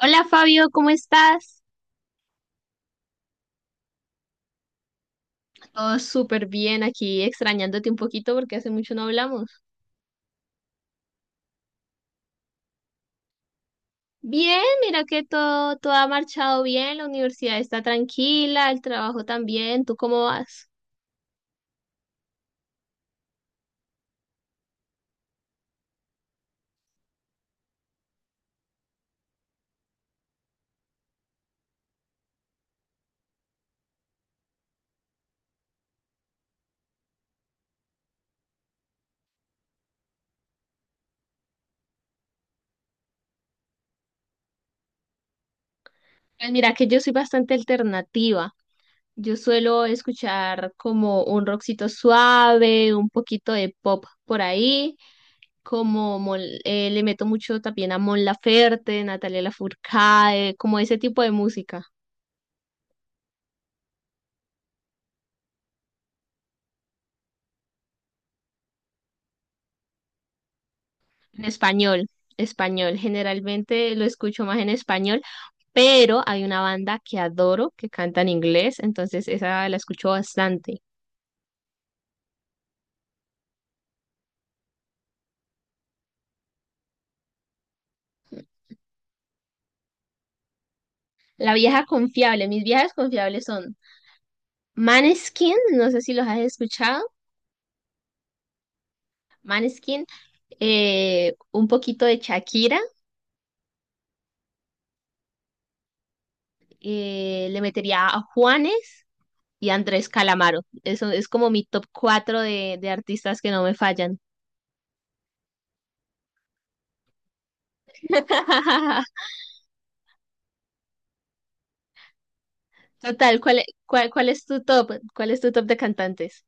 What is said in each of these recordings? Hola Fabio, ¿cómo estás? Todo súper bien aquí, extrañándote un poquito porque hace mucho no hablamos. Bien, mira que todo ha marchado bien, la universidad está tranquila, el trabajo también. ¿Tú cómo vas? Pues mira que yo soy bastante alternativa. Yo suelo escuchar como un rockcito suave, un poquito de pop por ahí, como le meto mucho también a Mon Laferte, Natalia Lafourcade, como ese tipo de música. En español, español. Generalmente lo escucho más en español, pero hay una banda que adoro que canta en inglés, entonces esa la escucho bastante. La vieja confiable, mis viejas confiables son Maneskin, no sé si los has escuchado. Maneskin, un poquito de Shakira, le metería a Juanes y a Andrés Calamaro. Eso es como mi top 4 de artistas que no me fallan. Total, ¿ cuál es tu top? ¿Cuál es tu top de cantantes?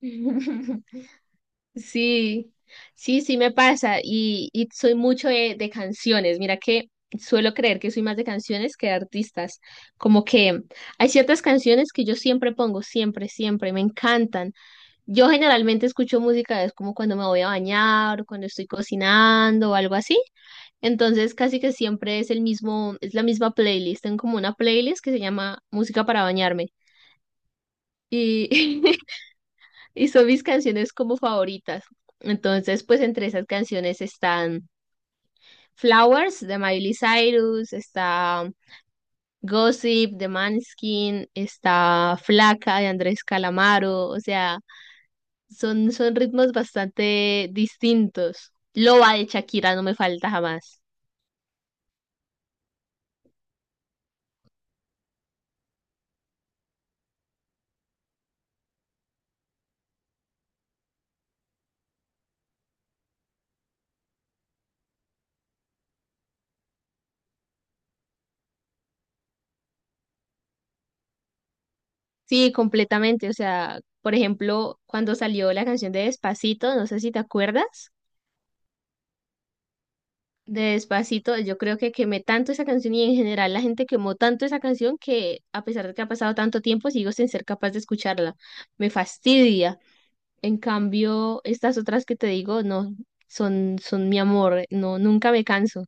Sí, sí, sí me pasa y soy mucho de canciones. Mira que suelo creer que soy más de canciones que de artistas. Como que hay ciertas canciones que yo siempre pongo, siempre, siempre, me encantan. Yo generalmente escucho música, es como cuando me voy a bañar o cuando estoy cocinando o algo así. Entonces casi que siempre es el mismo, es la misma playlist. Tengo como una playlist que se llama Música para bañarme, y, y son mis canciones como favoritas. Entonces, pues entre esas canciones están Flowers de Miley Cyrus, está Gossip de Maneskin, está Flaca de Andrés Calamaro. O sea, son, son ritmos bastante distintos. Loba de Shakira no me falta jamás. Sí, completamente, o sea, por ejemplo, cuando salió la canción de Despacito, no sé si te acuerdas. De Despacito, yo creo que quemé tanto esa canción y en general la gente quemó tanto esa canción que a pesar de que ha pasado tanto tiempo sigo sin ser capaz de escucharla. Me fastidia. En cambio, estas otras que te digo, no, son, son mi amor, no, nunca me canso.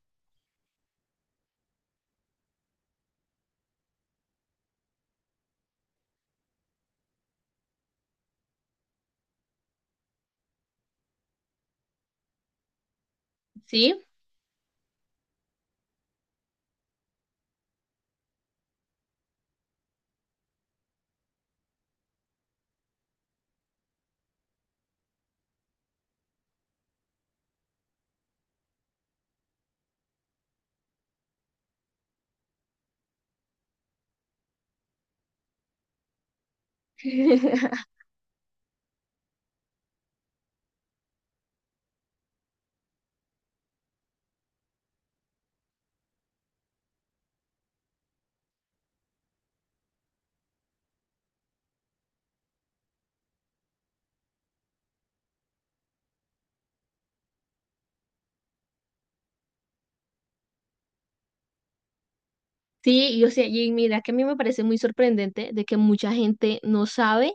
¿Sí? Sí, y, o sea, y mira que a mí me parece muy sorprendente de que mucha gente no sabe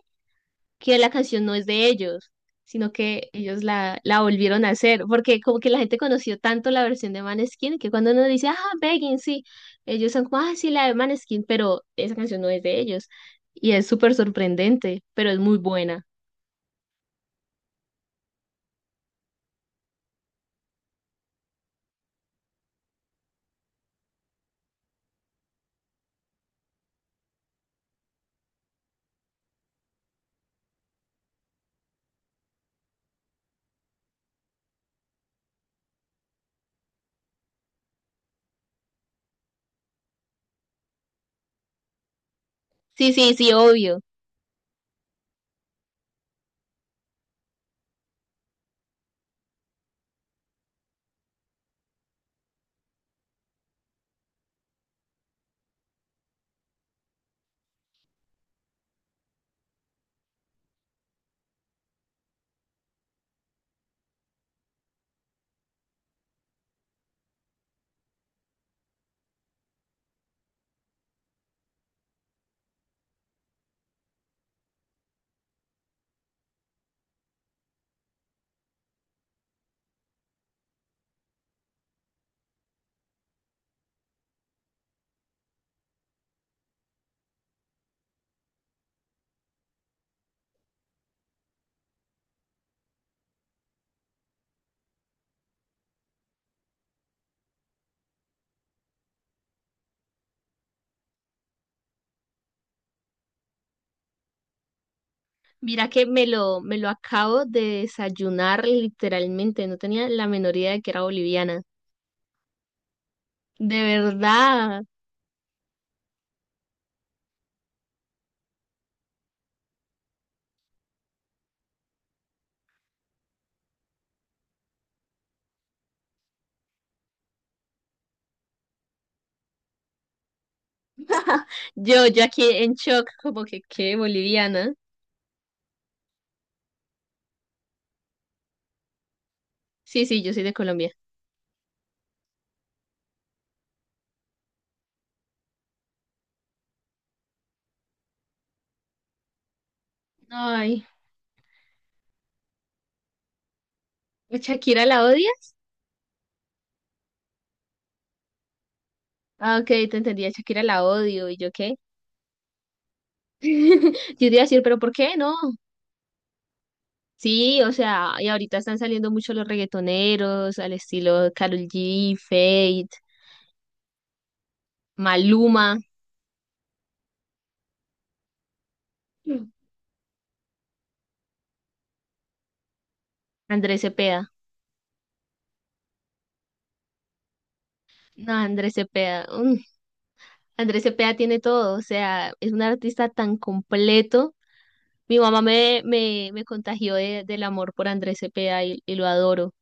que la canción no es de ellos, sino que ellos la, la volvieron a hacer, porque como que la gente conoció tanto la versión de Maneskin que cuando uno dice, ah, Begging, sí, ellos son como, ah, sí, la de Maneskin, pero esa canción no es de ellos. Y es súper sorprendente, pero es muy buena. Sí, sí, sí, obvio. Mira que me lo acabo de desayunar literalmente, no tenía la menor idea de que era boliviana. De verdad. Yo aquí en shock, como que, ¿qué? Boliviana. Sí, sí, yo soy de Colombia. Ay, ¿a ¿Shakira la odias? Ah, ok, te entendí, a Shakira la odio, ¿y yo qué? Yo te iba a decir, ¿pero por qué no? Sí, o sea, y ahorita están saliendo mucho los reggaetoneros al estilo Karol G, Fate, Maluma. Mm. Andrés Cepeda. No, Andrés Cepeda, mm, Andrés Cepeda tiene todo, o sea, es un artista tan completo. Mi mamá me contagió del amor por Andrés Cepeda y lo adoro.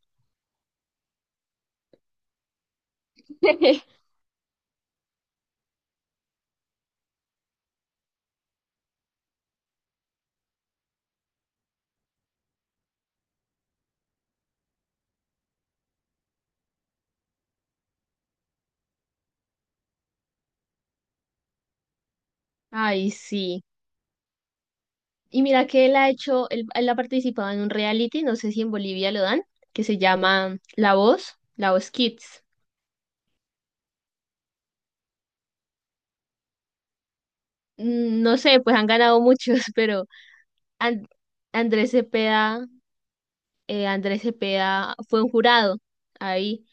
Ay, sí. Y mira que él ha hecho, él ha participado en un reality, no sé si en Bolivia lo dan, que se llama La Voz, La Voz Kids. Mm, no sé, pues han ganado muchos, pero And- Andrés Cepeda, Andrés Cepeda fue un jurado ahí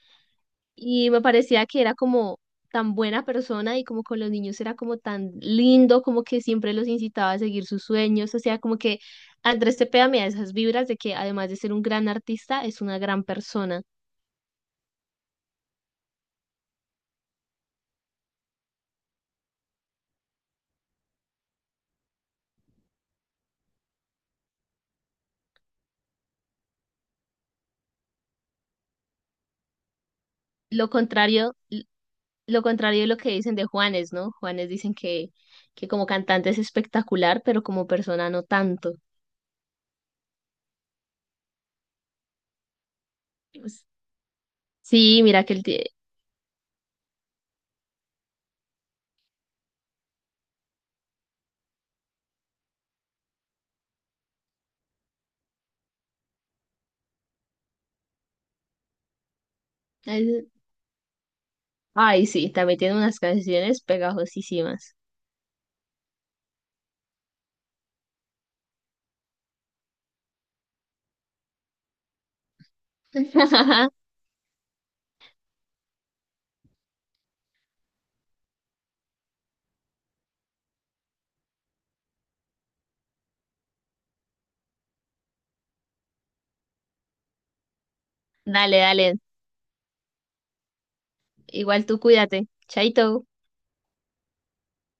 y me parecía que era como tan buena persona y como con los niños era como tan lindo, como que siempre los incitaba a seguir sus sueños, o sea, como que Andrés Cepeda me da esas vibras de que además de ser un gran artista, es una gran persona. Lo contrario lo contrario de lo que dicen de Juanes, ¿no? Juanes dicen que como cantante es espectacular, pero como persona no tanto. Pues, sí, mira que él tiene... Ay, sí, también tiene unas canciones pegajosísimas. Dale, dale. Igual tú cuídate. Chaito.